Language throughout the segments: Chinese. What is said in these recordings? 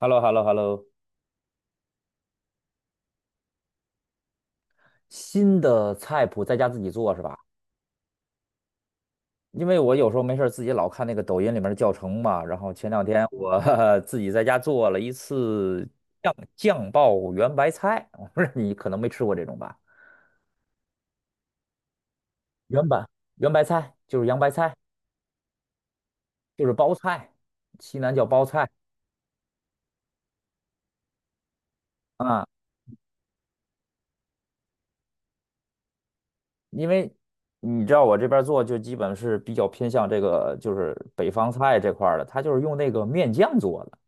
h e l l o h e l l o h e l l o。 新的菜谱在家自己做是吧？因为我有时候没事儿自己老看那个抖音里面的教程嘛，然后前两天我 自己在家做了一次酱爆圆白菜，我不知道你可能没吃过这种吧？圆白圆白菜就是洋白菜，就是包菜，西南叫包菜啊。因为你知道我这边儿做就基本是比较偏向这个就是北方菜这块儿的，它就是用那个面酱做的。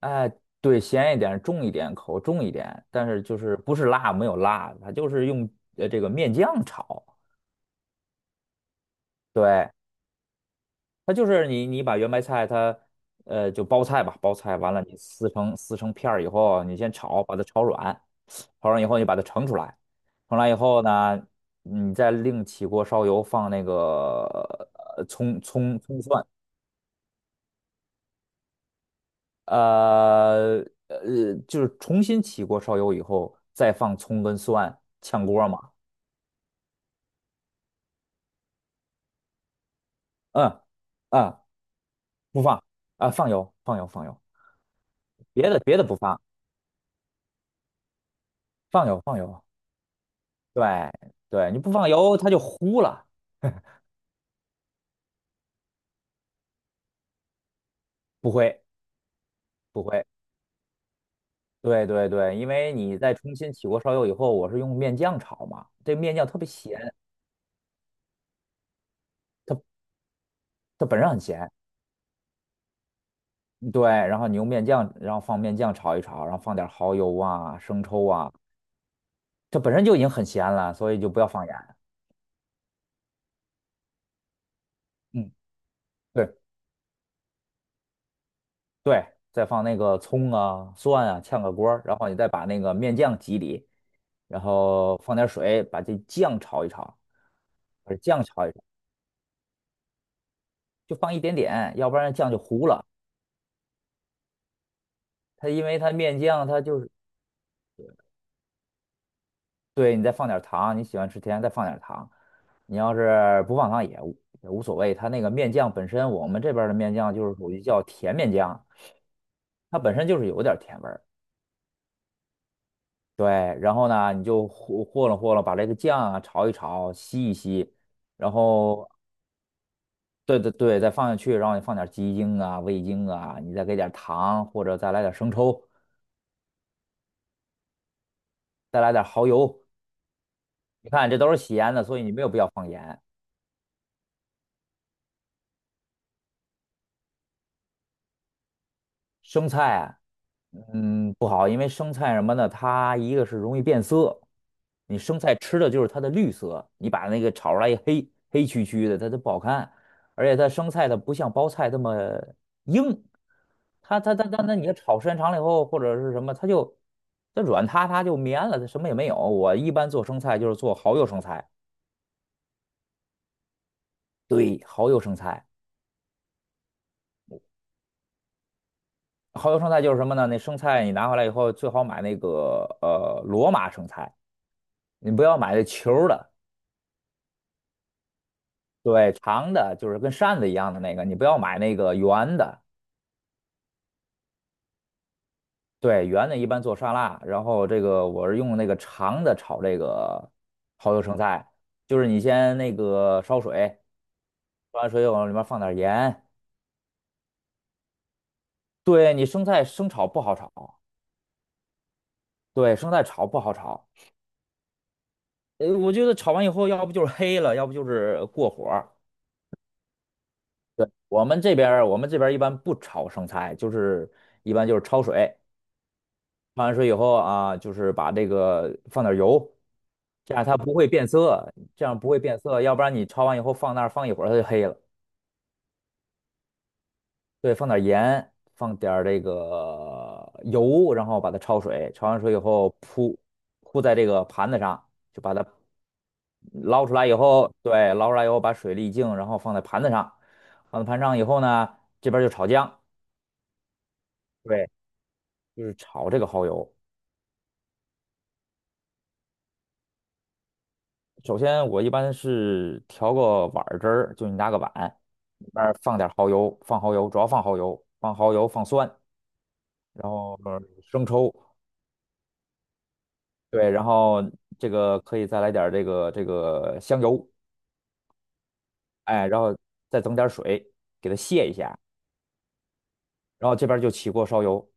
哎，对，咸一点，重一点，口重一点，但是就是不是辣，没有辣，它就是用这个面酱炒。对，它就是你把圆白菜它就包菜吧，包菜完了你撕成片儿以后，你先炒，把它炒软，炒软以后你把它盛出来，盛出来以后呢，你再另起锅烧油放那个葱蒜，呃呃就是重新起锅烧油以后再放葱跟蒜炝锅嘛。嗯嗯，不放啊，放油，放油，放油，别的不放，放油，放油。对对，你不放油，它就糊了，不会不会。对对对，因为你在重新起锅烧油以后，我是用面酱炒嘛，这面酱特别咸，它它本身很咸。对，然后你用面酱，然后放面酱炒一炒，然后放点蚝油啊、生抽啊，这本身就已经很咸了，所以就不要放盐。嗯，对。对，再放那个葱啊、蒜啊，炝个锅儿，然后你再把那个面酱挤里，然后放点水，把这酱炒一炒,就放一点点，要不然酱就糊了。它因为它面酱，它就是，对，你再放点糖，你喜欢吃甜，再放点糖。你要是不放糖也无所谓，它那个面酱本身，我们这边儿的面酱就是属于叫甜面酱，它本身就是有点儿甜味儿。对，然后呢，你就和了，把这个酱啊炒一炒，吸一吸，然后对对对，再放下去，然后你放点鸡精啊、味精啊，你再给点糖，或者再来点生抽，再来点蚝油。你看这都是咸的，所以你没有必要放盐。生菜啊。不好，因为生菜什么的，它一个是容易变色，你生菜吃的就是它的绿色，你把那个炒出来一黑黑黢黢的，它就不好看。而且它生菜它不像包菜那么硬，它那你要炒时间长了以后或者是什么，它就软塌塌就绵了，它什么也没有。我一般做生菜就是做蚝油生菜，对，蚝油生菜，蚝油生菜就是什么呢？那生菜你拿回来以后最好买那个罗马生菜，你不要买那球儿的。对，长的就是跟扇子一样的那个，你不要买那个圆的。对，圆的一般做沙拉，然后这个我是用那个长的炒这个蚝油生菜，就是你先那个烧水，烧完水往里面放点盐。对，你生菜生炒不好炒，对，生菜炒不好炒。我觉得炒完以后，要不就是黑了，要不就是过火儿。对，我们这边儿一般不炒生菜，就是一般就是焯水，焯完水以后啊，就是把这个放点油。这样它不会变色，这样不会变色，要不然你焯完以后放那儿放一会儿它就黑了。对，放点盐，放点儿这个油，然后把它焯水，焯完水以后铺在这个盘子上，就把它捞出来以后，对，捞出来以后把水沥净，然后放在盘子上，放在盘上以后呢，这边儿就炒姜，对，就是炒这个蚝油。首先我一般是调个碗儿汁儿，就你拿个碗，里边儿放点儿蚝油，放蚝油，主要放蚝油，放蚝油，放蒜。然后生抽，对，然后这个可以再来点儿这个香油，哎，然后再整点儿水给它泄一下，然后这边儿就起锅烧油，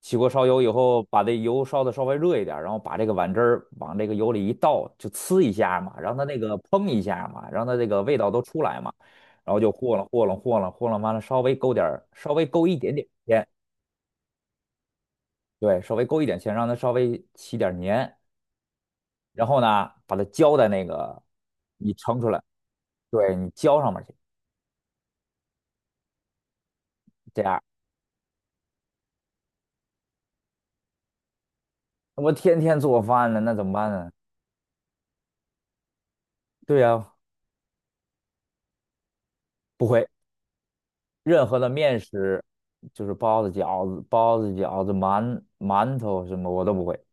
起锅烧油以后，把这油烧的稍微热一点儿然后把这个碗汁儿往这个油里一倒，就呲一下嘛，让它那个嘭一下嘛，让它这个味道都出来嘛，然后就和了和了，完了稍微勾一点点芡，对，稍微勾一点芡，让它稍微起点儿黏，然后呢，把它浇在那个你盛出来，对你浇上面去，这样。我天天做饭呢，那怎么办呢？对呀、不会，任何的面食，就是包子、饺子、包子、饺子、馒头什么我都不会，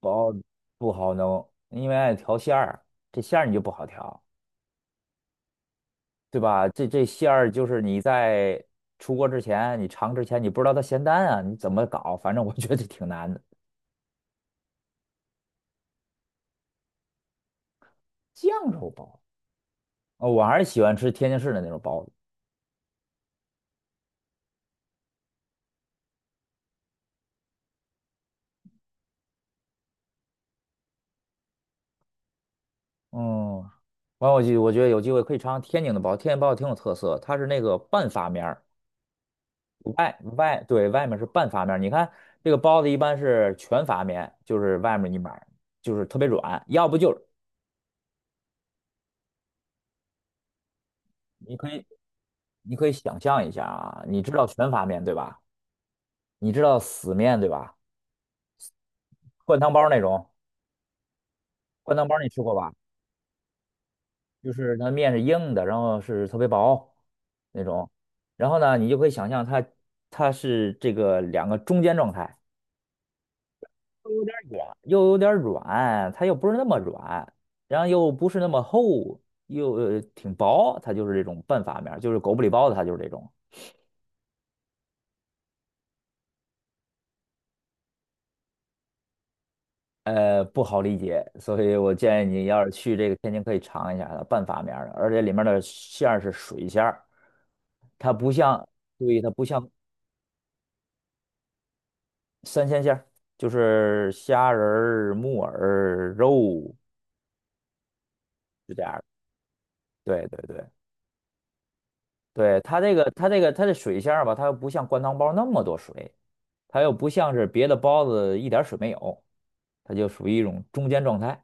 包子不好弄，因为爱调馅儿，这馅儿你就不好调，对吧？这馅儿就是你在出锅之前，你尝之前你不知道它咸淡啊，你怎么搞？反正我觉得挺难的。酱肉包，哦，我还是喜欢吃天津市的那种包子。嗯，完我觉得有机会可以尝尝天津的包，天津包挺有特色，它是那个半发面儿，对外面是半发面儿。你看这个包子一般是全发面，就是外面一面儿就是特别软，要不就是你可以你可以想象一下啊，你知道全发面对吧？你知道死面对吧？灌汤包儿那种，灌汤包儿你吃过吧？就是它面是硬的，然后是特别薄那种，然后呢，你就可以想象它是这个两个中间状态。又有点软,它又不是那么软，然后又不是那么厚，又挺薄，它就是这种半发面儿就是狗不理包子，它就是这种，不好理解，所以我建议你要是去这个天津可以尝一下它半发面儿的，而且里面的馅儿是水馅儿，它不像，注意它不像三鲜馅儿，就是虾仁儿、木耳、肉，是这样儿的，对对对。对，它这个,它这水馅儿吧，它又不像灌汤包那么多水，它又不像是别的包子一点水没有，它就属于一种中间状态。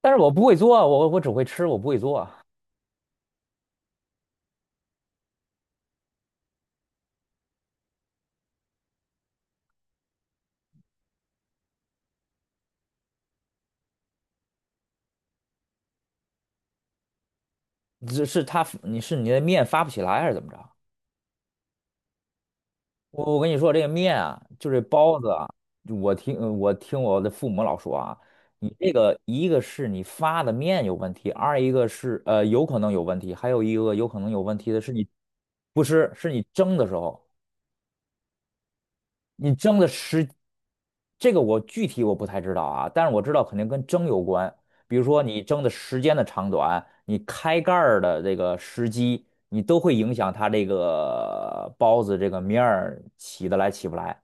但是我不会做，我只会吃，我不会做。只是它，你是你的面发不起来还是怎么着？我跟你说，这个面啊，就这包子啊，我听我的父母老说啊，你这个一个是你发的面有问题，二一个是有可能有问题，还有一个有可能有问题的是你不是是你蒸的时候。你蒸的时，这个我具体我不太知道啊，但是我知道肯定跟蒸有关。比如说你蒸的时间的长短，你开盖儿的这个时机，你都会影响它这个包子这个面儿起得来起不来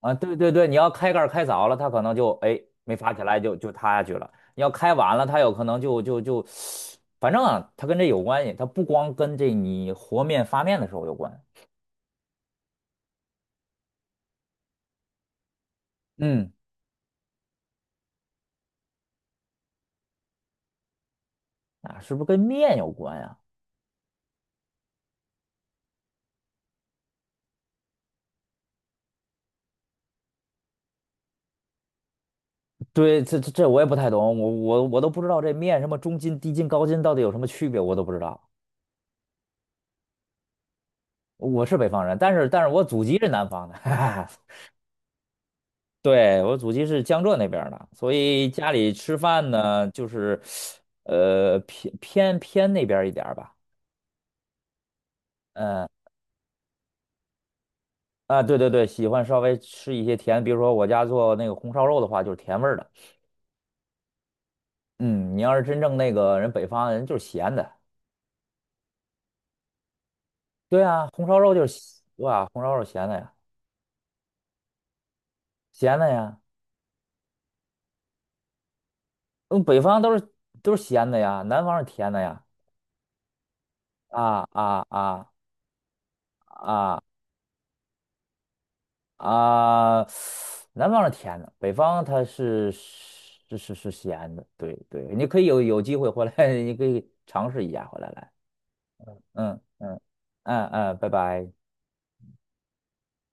啊。对对对，你要开盖儿开早了，它可能就哎没发起来就塌下去了；你要开晚了，它有可能就就就，反正啊，它跟这有关系，它不光跟这你和面发面的时候有关，嗯，啊，是不是跟面有关呀？对，这我也不太懂，我都不知道这面什么中筋、低筋、高筋到底有什么区别，我都不知道。我是北方人，但是我祖籍是南方的，哈哈。对，我祖籍是江浙那边儿的，所以家里吃饭呢，就是偏那边儿一点儿吧。嗯啊，对对对，喜欢稍微吃一些甜，比如说我家做那个红烧肉的话，就是甜味儿的。嗯，你要是真正那个人北方人就是咸的，对啊，红烧肉就是咸哇，红烧肉咸的呀，咸的呀。嗯，北方都是咸的呀，南方是甜的呀。啊啊啊啊啊！南方是甜的，北方它是咸的。对对，你可以有机会回来，你可以尝试一下回来。嗯嗯嗯嗯，拜拜。